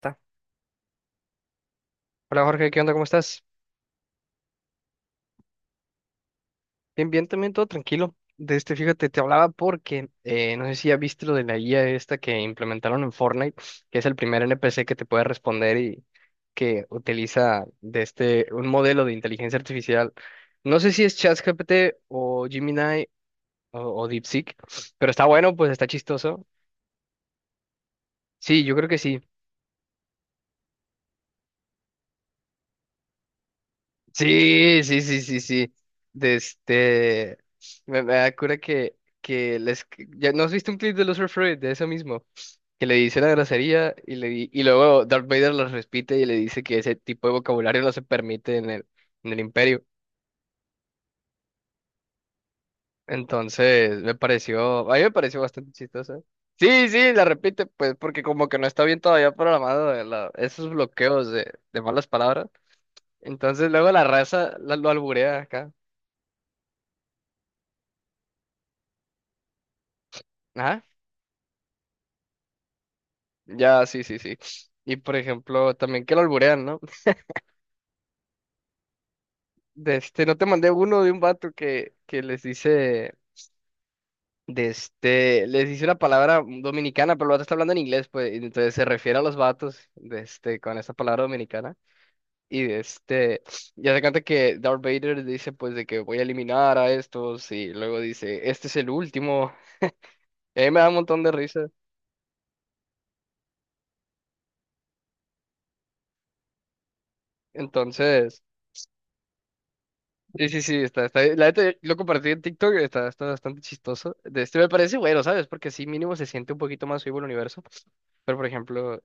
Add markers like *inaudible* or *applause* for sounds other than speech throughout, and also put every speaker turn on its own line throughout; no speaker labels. Ta. Hola Jorge, ¿qué onda? ¿Cómo estás? Bien, bien, también todo tranquilo. Fíjate, te hablaba porque no sé si ya viste lo de la IA esta que implementaron en Fortnite, que es el primer NPC que te puede responder y que utiliza de este un modelo de inteligencia artificial. No sé si es ChatGPT o Gemini o DeepSeek, pero está bueno, pues está chistoso. Sí, yo creo que sí. Sí, sí, sí, sí, sí. De este. Me da cura que les. ¿Ya no has visto un clip de Los Freud de eso mismo? Que le dice la grosería y luego Darth Vader los repite y le dice que ese tipo de vocabulario no se permite en el Imperio. Entonces, me pareció. A mí me pareció bastante chistoso. Sí, sí, la repite, pues, porque como que no está bien todavía programado, esos bloqueos de malas palabras. Entonces, luego la raza lo alburea acá. Ajá. Ya, sí, sí, sí. Y por ejemplo, también que lo alburean, ¿no? No te mandé uno de un vato que les dice, les dice una palabra dominicana, pero el vato está hablando en inglés, pues, y entonces se refiere a los vatos, con esa palabra dominicana. Y de este, ya se cuenta que Darth Vader dice, pues, de que voy a eliminar a estos, y luego dice, este es el último. Y a mí me da un montón de risa. Entonces. Sí, sí, sí, está, está. La neta, yo lo compartí en TikTok, está, está bastante chistoso. De este me parece bueno, ¿sabes? Porque sí, mínimo se siente un poquito más vivo el universo. Pero, por ejemplo,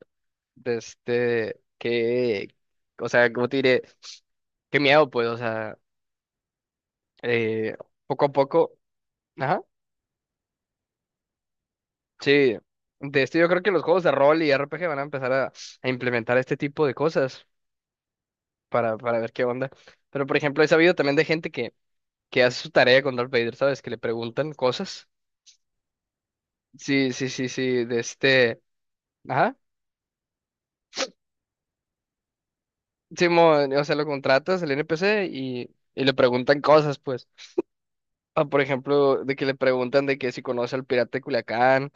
de este, que, o sea, ¿cómo te diré? Qué miedo, pues, o sea, eh, poco a poco, ajá, sí. Yo creo que los juegos de rol y RPG van a empezar a implementar este tipo de cosas para ver qué onda. Pero, por ejemplo, he sabido también de gente que hace su tarea con Darth Vader, ¿sabes? Que le preguntan cosas. Sí, sí, sí, sí, de este. Ajá. Simón, o sea, lo contratas el NPC y le preguntan cosas, pues. Ah, por ejemplo, de que le preguntan de que si conoce al pirata de Culiacán.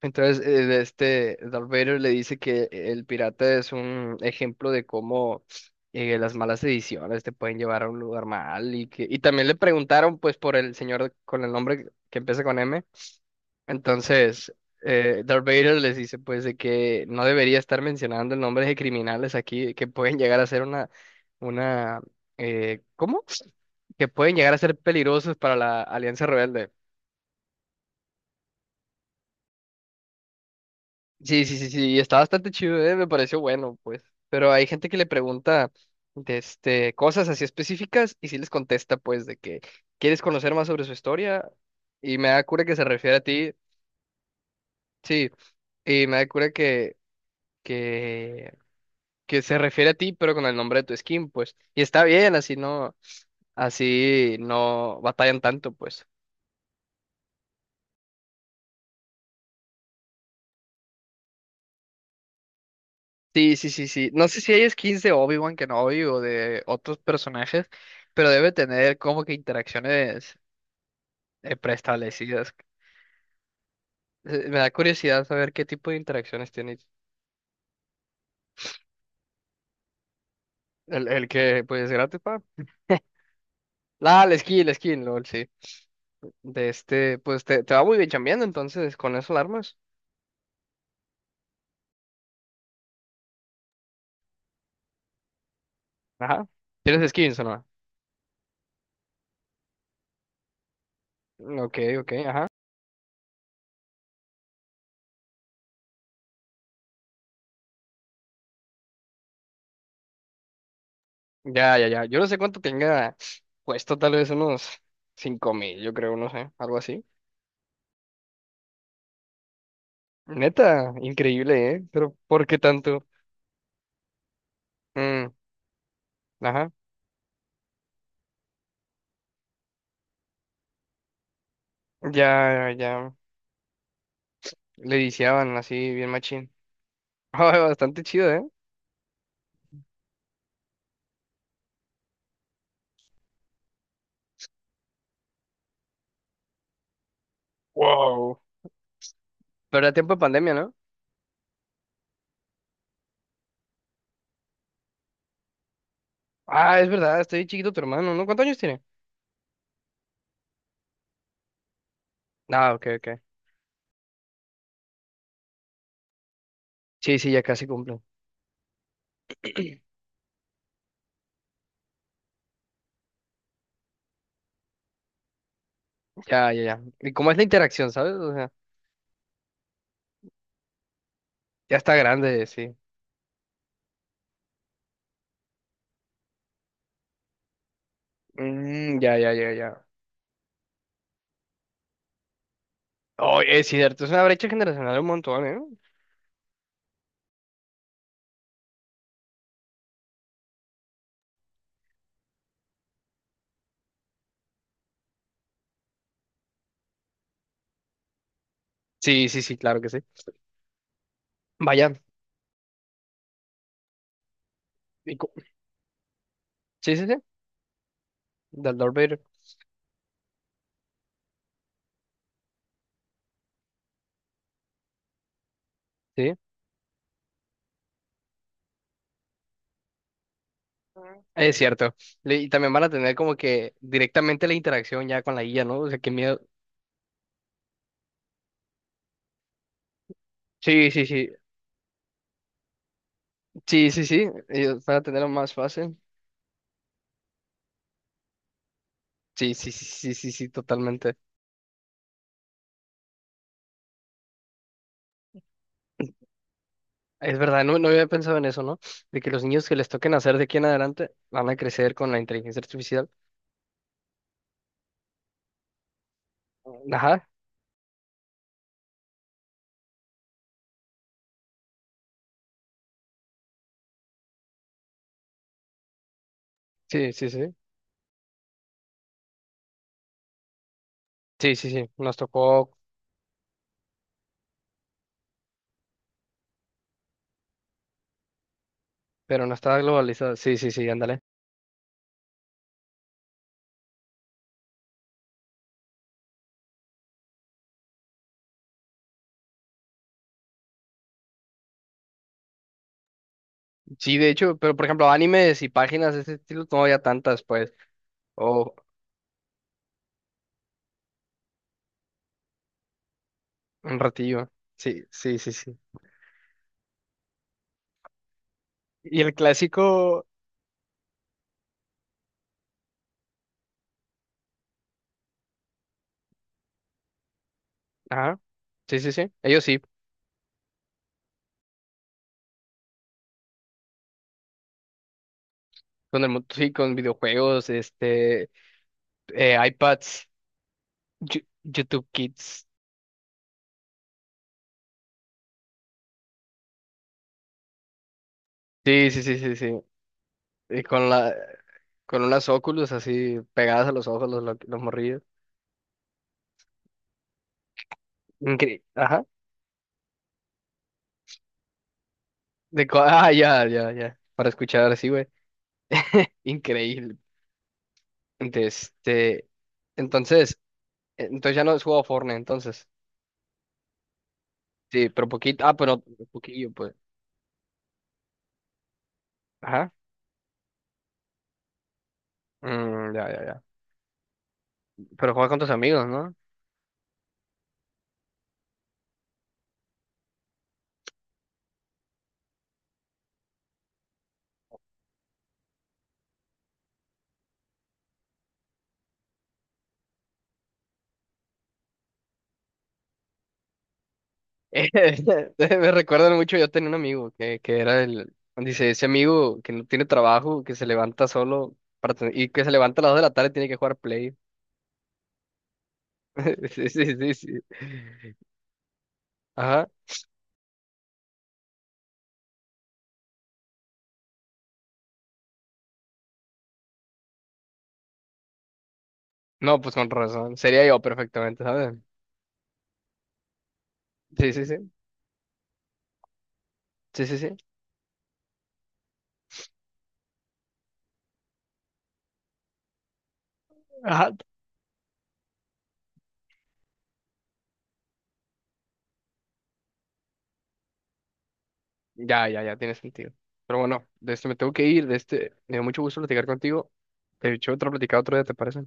Entonces, de este Darth Vader le dice que el pirata es un ejemplo de cómo, las malas ediciones te pueden llevar a un lugar mal. Y que, y también le preguntaron, pues, por el señor con el nombre que empieza con M. Entonces, Darth Vader les dice pues de que no debería estar mencionando nombres de criminales aquí que pueden llegar a ser una, ¿cómo? Que pueden llegar a ser peligrosos para la Alianza Rebelde. Sí, sí, sí, sí, y está bastante chido, me pareció bueno, pues. Pero hay gente que le pregunta, cosas así específicas y sí les contesta pues de que quieres conocer más sobre su historia y me da cura que se refiere a ti, sí, y me da cura que que se refiere a ti, pero con el nombre de tu skin, pues. Y está bien, así no batallan tanto, pues. Sí, sí, sí, sí. No sé si hay skins de Obi-Wan Kenobi o de otros personajes, pero debe tener como que interacciones preestablecidas. Me da curiosidad saber qué tipo de interacciones tiene el que, pues, es gratis, pa. *laughs* Ah, la skin, LOL, sí. Pues te va muy bien chambeando, entonces, con eso alarmas. Ajá. ¿Tienes skins o no? Ok, ok, ajá. Ya, ya, ya. Yo no sé cuánto tenga puesto, tal vez unos 5000, yo creo, no sé, algo así. Neta, increíble, ¿eh? Pero ¿por qué tanto? Mm, ajá. Ya, ya. Le viciaban así, bien machín. *laughs* Ay, bastante chido, ¿eh? Wow. Pero era tiempo de pandemia, ¿no? Ah, es verdad, está bien chiquito tu hermano, ¿no? ¿Cuántos años tiene? Ah, ok, ok. Sí, sí, ya casi cumple. Ya, ya, ya. ¿Y cómo es la interacción, sabes? O sea, ya está grande, sí. Mm, ya, ya, ya, ya. Oh, es cierto, es una brecha generacional un montón, ¿eh? Sí, sí, sí, claro que sí. Vaya. y co- Sí, sí, sí. Del Darth Vader. Sí, Mm. Es cierto. Y también van a tener como que directamente la interacción ya con la guía, ¿no? O sea, qué miedo. Sí, sí, sí. Sí, sí, sí. Ellos van a tenerlo más fácil. Sí, sí, sí, sí, sí, sí, totalmente. Es verdad, no, no había pensado en eso, ¿no? De que los niños que les toquen hacer de aquí en adelante van a crecer con la inteligencia artificial. Ajá. Sí, sí, sí. Sí, sí, sí. Nos tocó, pero no está globalizado. Sí, sí, sí, ándale. Sí, de hecho, pero por ejemplo, animes y páginas de ese estilo no había tantas, pues. O un ratillo. Sí, sí, sí, sí. Y el clásico, ajá. Sí, sí, sí. Ellos sí. Sí, con videojuegos, este, iPads, YouTube Kids. Sí, sí, sí, sí, sí. Y con la, con unas óculos así pegadas a los ojos, los morrillos. Ajá. Ah, ya, ya, ya. Para escuchar así, güey. Increíble. De este. Entonces. Entonces ya no has jugado Fortnite, entonces. Sí, pero poquito. Ah, pero poquillo, pues. Ajá. Mm, ya, ya, ya. Pero juega con tus amigos, ¿no? *laughs* Me recuerdan mucho, yo tenía un amigo que era el. Dice, ese amigo que no tiene trabajo, que se levanta solo para ten- y que se levanta a las 2 de la tarde y tiene que jugar Play. *laughs* Sí, sí, sí, sí. Ajá. No, pues con razón. Sería yo perfectamente, ¿sabes? Sí, sí, sí. Sí, sí, sí. Ajá. Ya, ya, ya, tiene sentido. Pero bueno, de este me tengo que ir, me dio mucho gusto platicar contigo. De hecho, otra platicada otro día, ¿te parece?